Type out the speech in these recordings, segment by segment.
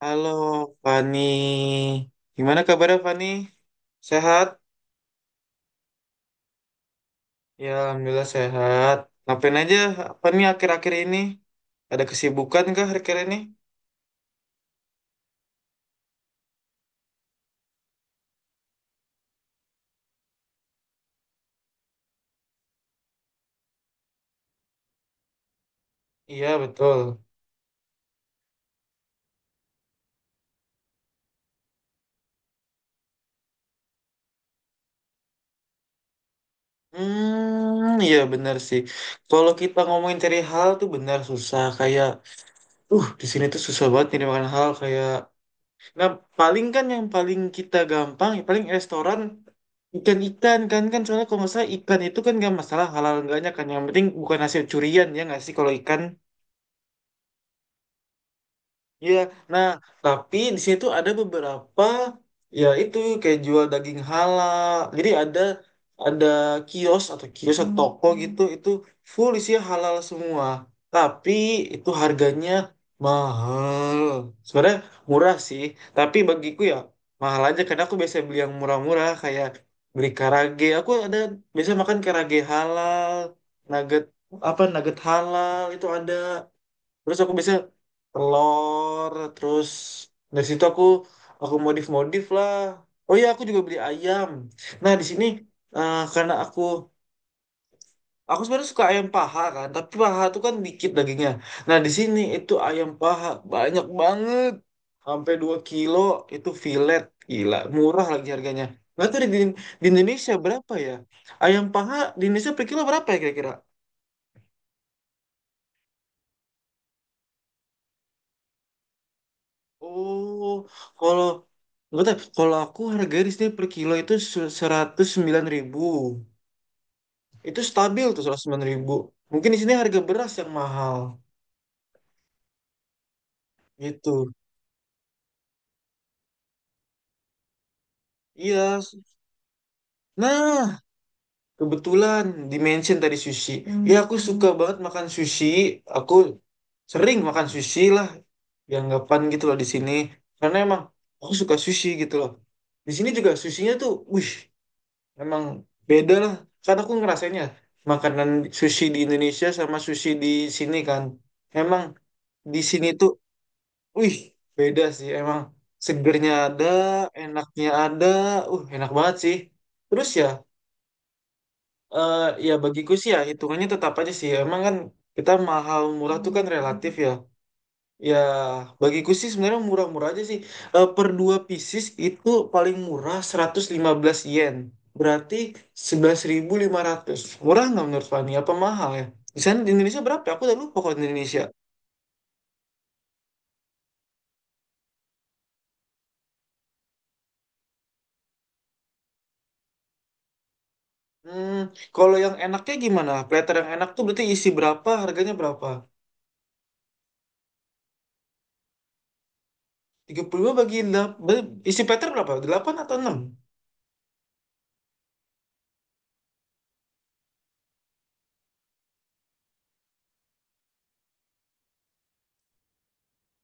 Halo Fani, gimana kabarnya Fani? Sehat? Ya, Alhamdulillah sehat. Ngapain aja Fani akhir-akhir ini? Ada kesibukan kah akhir-akhir ini? Iya, betul. Hmm, iya benar sih. Kalau kita ngomongin cari hal tuh benar susah. Kayak, di sini tuh susah banget nih makan hal kayak. Nah, paling kan yang paling kita gampang, ya paling restoran ikan-ikan kan kan soalnya kalau nggak salah ikan itu kan nggak masalah halal enggaknya kan, yang penting bukan hasil curian, ya nggak sih kalau ikan. Iya, nah tapi di situ ada beberapa, ya itu kayak jual daging halal. Jadi ada kios atau toko gitu, itu full isinya halal semua. Tapi itu harganya mahal. Sebenarnya murah sih, tapi bagiku ya mahal aja, karena aku biasa beli yang murah-murah kayak beli karage. Aku ada biasa makan karage halal, nugget, apa, nugget halal itu ada. Terus aku biasanya telur, terus dari situ aku modif modif lah. Oh iya, aku juga beli ayam. Nah di sini, karena aku sebenarnya suka ayam paha kan, tapi paha tuh kan dikit dagingnya. Nah di sini itu ayam paha banyak banget, sampai 2 kilo. Itu fillet. Gila, murah lagi harganya. Nggak tahu di Indonesia berapa ya, ayam paha di Indonesia per kilo berapa ya kira-kira. Oh, kalau nggak tahu, kalau aku harga di sini per kilo itu 109.000. Itu stabil tuh 109.000. Mungkin di sini harga beras yang mahal, gitu. Iya. Nah, kebetulan dimention tadi sushi. Ya, aku suka banget makan sushi. Aku sering makan sushi lah. Dianggapan gitu loh di sini. Karena emang aku suka sushi gitu loh. Di sini juga sushinya tuh, wih. Emang beda lah. Karena aku ngerasainnya makanan sushi di Indonesia sama sushi di sini kan. Emang di sini tuh, wih, beda sih. Emang segernya ada, enaknya ada. Enak banget sih. Terus ya, eh ya bagiku sih ya hitungannya tetap aja sih. Emang kan kita mahal murah tuh kan relatif ya. Ya, bagiku sih sebenarnya murah-murah aja sih. Per 2 pieces itu paling murah 115 yen. Berarti 11.500. Murah nggak menurut Fani? Apa mahal ya? Di sana di Indonesia berapa, ya? Aku udah lupa kalau di Indonesia. Hmm, kalau yang enaknya gimana? Platter yang enak tuh berarti isi berapa? Harganya berapa? 35 bagi delapan. Isi platter berapa? Delapan atau enam.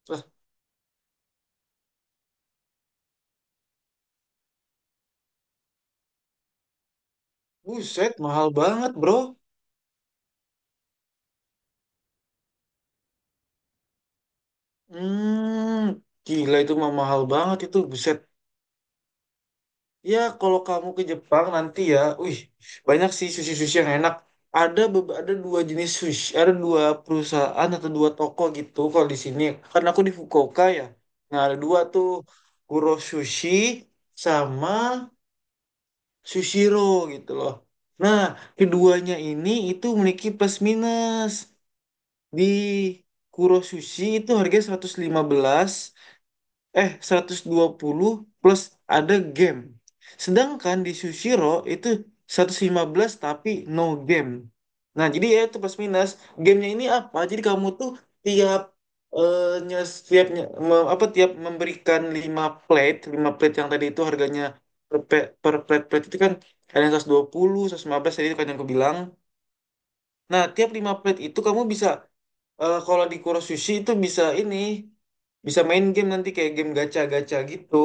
Lah, buset, mahal banget, bro. Hmm, gila itu mah mahal banget itu, buset. Ya, kalau kamu ke Jepang nanti ya, wih, banyak sih sushi-sushi yang enak. Ada ada dua jenis sushi, ada dua perusahaan atau dua toko gitu kalau di sini. Karena aku di Fukuoka ya. Nah, ada dua tuh, Kuro Sushi sama Sushiro gitu loh. Nah, keduanya ini itu memiliki plus minus. Di Kuro Sushi itu harganya 115, eh, 120, plus ada game. Sedangkan di Sushiro itu 115 tapi no game. Nah, jadi ya itu plus minus. Gamenya ini apa? Jadi kamu tuh tiap eh, nyes- tiap nye- me- apa tiap memberikan 5 plate, yang tadi itu harganya per plate plate itu kan ada yang 120, 115 tadi itu kan yang aku bilang. Nah, tiap 5 plate itu kamu bisa. Kalau di Kurosushi itu bisa ini, bisa main game nanti kayak game gacha-gacha gitu.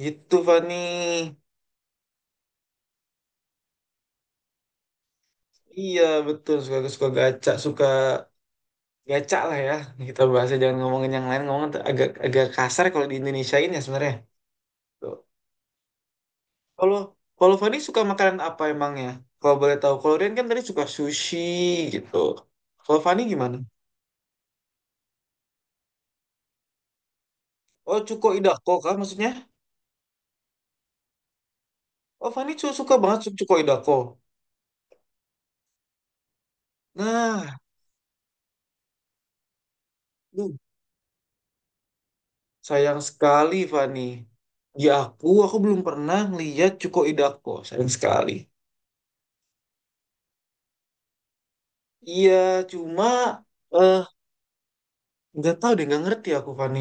Gitu, Fani. Iya, betul. Suka suka gacha lah ya. Kita bahasnya jangan ngomongin yang lain, ngomong agak agak kasar kalau di Indonesia ini ya sebenarnya. Tuh. Kalau kalau Fani suka makanan apa emangnya? Kalau boleh tahu, kalau Rian kan tadi suka sushi gitu. Kalau Fani gimana? Oh, cuko idako kah maksudnya? Oh, Fani suka banget cuko idako. Nah, lu. Sayang sekali, Fani. Di aku belum pernah ngeliat Cuko Idako. Sayang sekali. Iya, cuma eh nggak tahu deh, nggak ngerti aku, Fani.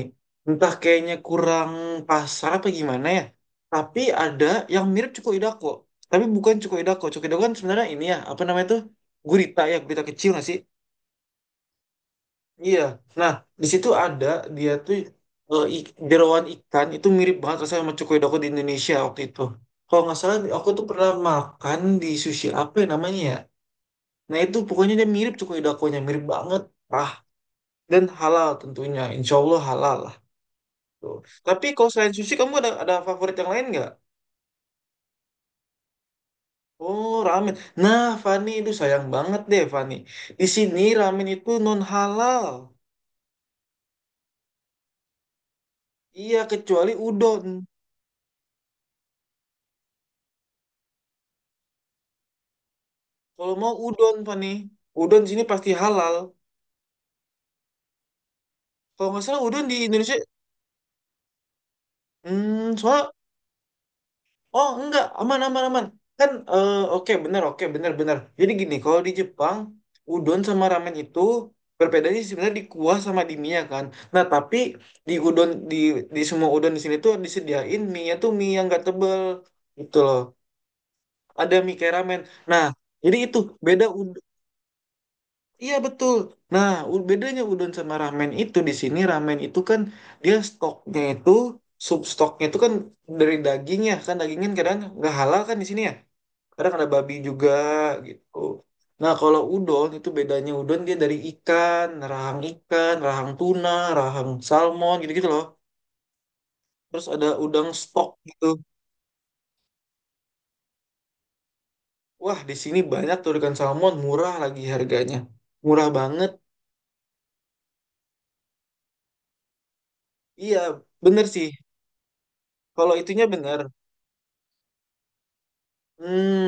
Entah kayaknya kurang pasar apa gimana ya. Tapi ada yang mirip Cuko Idako. Tapi bukan Cuko Idako. Cuko Idako kan sebenarnya ini ya, apa namanya tuh? Gurita ya, gurita kecil nggak sih? Iya. Nah, di situ ada dia tuh, jerawan ikan itu mirip banget rasanya sama cokoyodoko di Indonesia waktu itu. Kalau nggak salah aku tuh pernah makan di sushi apa ya namanya ya. Nah itu pokoknya dia mirip cokoyodokonya, mirip banget. Ah, dan halal tentunya. Insya Allah halal lah. Tuh. Tapi kalau selain sushi kamu ada favorit yang lain nggak? Oh, ramen. Nah, Fani itu sayang banget deh, Fani. Di sini ramen itu non halal. Iya, kecuali udon. Kalau mau udon, Fani. Udon di sini pasti halal. Kalau nggak salah udon di Indonesia, soalnya, oh enggak, aman, aman, aman. Kan, oke, benar, benar. Jadi gini, kalau di Jepang, udon sama ramen itu berbedanya sebenarnya di kuah sama di mie kan. Nah, tapi di udon, di semua udon di sini tuh disediain mie-nya tuh mie yang nggak tebel. Gitu loh. Ada mie kayak ramen. Nah, jadi itu, beda. Iya betul. Nah, bedanya udon sama ramen itu di sini ramen itu kan dia stoknya itu sub stoknya itu kan dari dagingnya kan dagingnya kadang nggak halal kan di sini ya. Kadang ada babi juga gitu. Nah, kalau udon itu bedanya udon dia dari ikan, rahang tuna, rahang salmon gitu-gitu loh. Terus ada udang stok gitu. Wah, di sini banyak tuh ikan salmon, murah lagi harganya. Murah banget. Iya, bener sih. Kalau itunya bener. Hmm,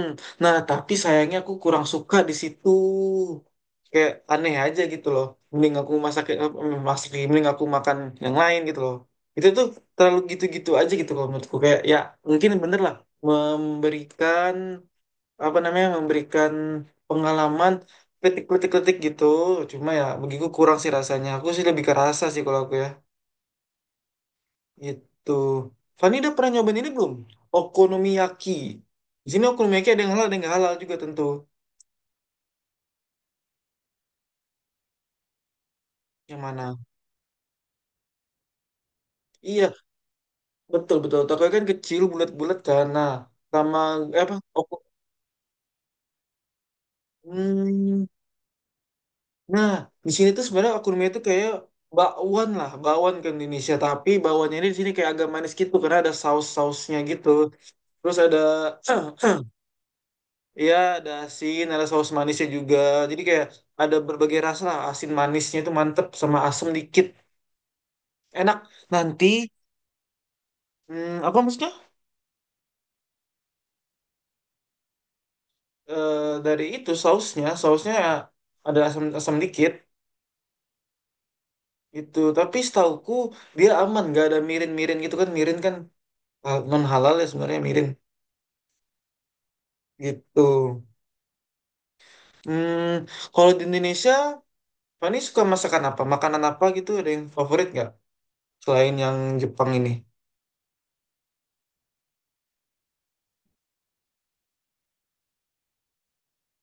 nah tapi sayangnya aku kurang suka di situ. Kayak aneh aja gitu loh. Mending aku masak, masak mending aku makan yang lain gitu loh. Itu tuh terlalu gitu-gitu aja gitu loh menurutku. Kayak ya mungkin bener lah memberikan apa namanya memberikan pengalaman kritik-kritik-kritik gitu. Cuma ya begitu kurang sih rasanya. Aku sih lebih ke rasa sih kalau aku ya. Itu. Fani udah pernah nyobain ini belum? Okonomiyaki. Di sini okonomiyaki ada yang halal, ada yang nggak halal juga tentu. Yang mana? Iya, betul betul. Tokonya kan kecil, bulat-bulat kan. Nah, sama apa? Oko. Hmm. Nah, di sini tuh sebenarnya okonomiyaki itu kayak bakwan lah, bakwan ke Indonesia. Tapi bakwannya ini di sini kayak agak manis gitu karena ada saus-sausnya gitu. Terus ada Iya, ada asin, ada saus manisnya juga. Jadi kayak ada berbagai rasa lah. Asin manisnya itu mantep sama asem dikit. Enak. Nanti, apa maksudnya? Eh, dari itu sausnya ada asam asam dikit itu. Tapi setauku dia aman, nggak ada mirin-mirin gitu kan. Mirin kan non halal ya sebenarnya mirin gitu. Hmm, kalau di Indonesia, Fani suka masakan apa? Makanan apa gitu? Ada yang favorit nggak? Selain yang Jepang ini?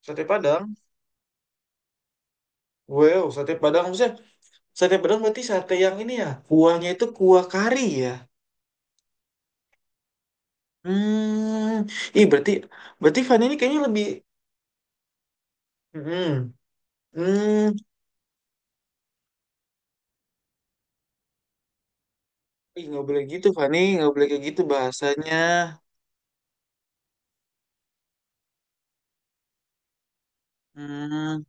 Sate Padang. Wow, sate Padang maksudnya. Sate Padang berarti sate yang ini ya, kuahnya itu kuah kari ya. Hmm, ih berarti berarti Fani ini kayaknya lebih hmm. Hmm, ih nggak boleh gitu Fani, nggak boleh kayak gitu bahasanya. Hmm.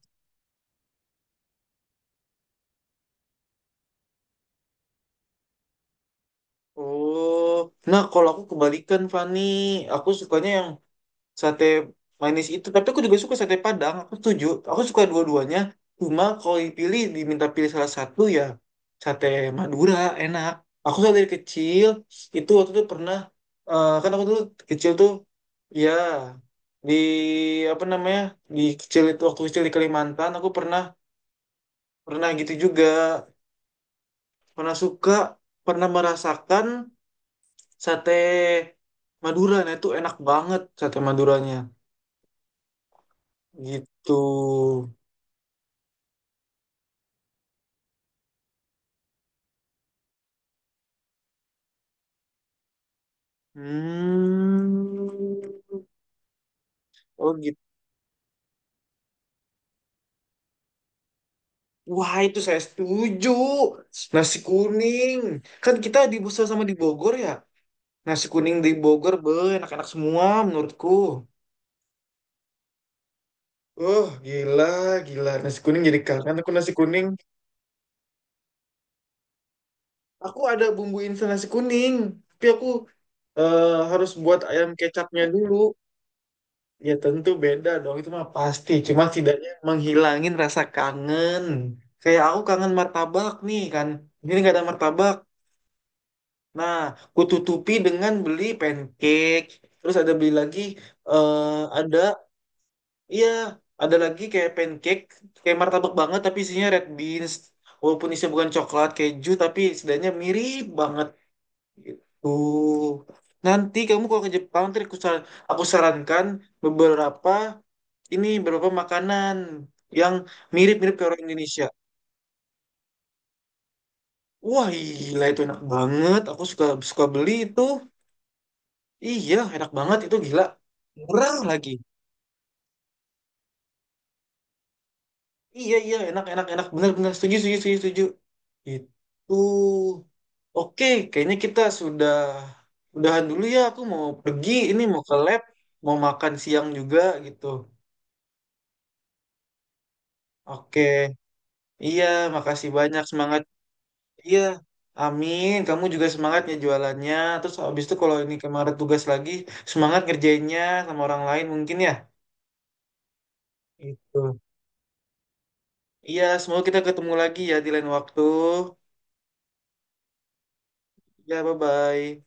Oh, nah kalau aku kebalikan, Fani, aku sukanya yang sate manis itu, tapi aku juga suka sate padang. Aku setuju, aku suka dua-duanya. Cuma kalau dipilih, diminta pilih salah satu ya, sate Madura enak. Aku tuh dari kecil itu, waktu itu pernah, kan aku dulu kecil tuh ya di apa namanya di kecil itu waktu kecil di Kalimantan, aku pernah pernah gitu juga, pernah suka, pernah merasakan sate Madura. Nah, itu enak banget sate Maduranya, gitu. Hmm. Oh gitu. Wah, itu saya setuju. Nasi kuning. Kan kita di Busel sama di Bogor ya. Nasi kuning di Bogor enak-enak semua menurutku. Oh gila, gila. Nasi kuning, jadi kangen aku nasi kuning. Aku ada bumbu instan nasi kuning. Tapi aku, eh, harus buat ayam kecapnya dulu. Ya tentu beda dong, itu mah pasti. Cuma setidaknya menghilangin rasa kangen. Kayak aku kangen martabak nih kan. Ini nggak ada martabak. Nah, kututupi dengan beli pancake. Terus ada beli lagi, eh ada, iya, ada lagi kayak pancake, kayak martabak banget tapi isinya red beans. Walaupun isinya bukan coklat, keju, tapi setidaknya mirip banget. Gitu. Nanti kamu kalau ke Jepang, nanti aku, aku sarankan beberapa ini beberapa makanan yang mirip-mirip ke orang Indonesia. Wah, gila itu enak banget. Aku suka suka beli itu. Iya, enak banget itu gila. Murah lagi. Iya, iya, enak enak enak, benar-benar setuju setuju setuju setuju. Itu. Oke, kayaknya kita sudah udahan dulu ya. Aku mau pergi, ini mau ke lab, mau makan siang juga gitu. Oke. Iya, makasih banyak, semangat. Iya, amin. Kamu juga semangatnya jualannya. Terus habis itu kalau ini kemarin tugas lagi, semangat ngerjainnya sama orang lain mungkin ya. Itu. Iya, semoga kita ketemu lagi ya di lain waktu. Ya, bye-bye.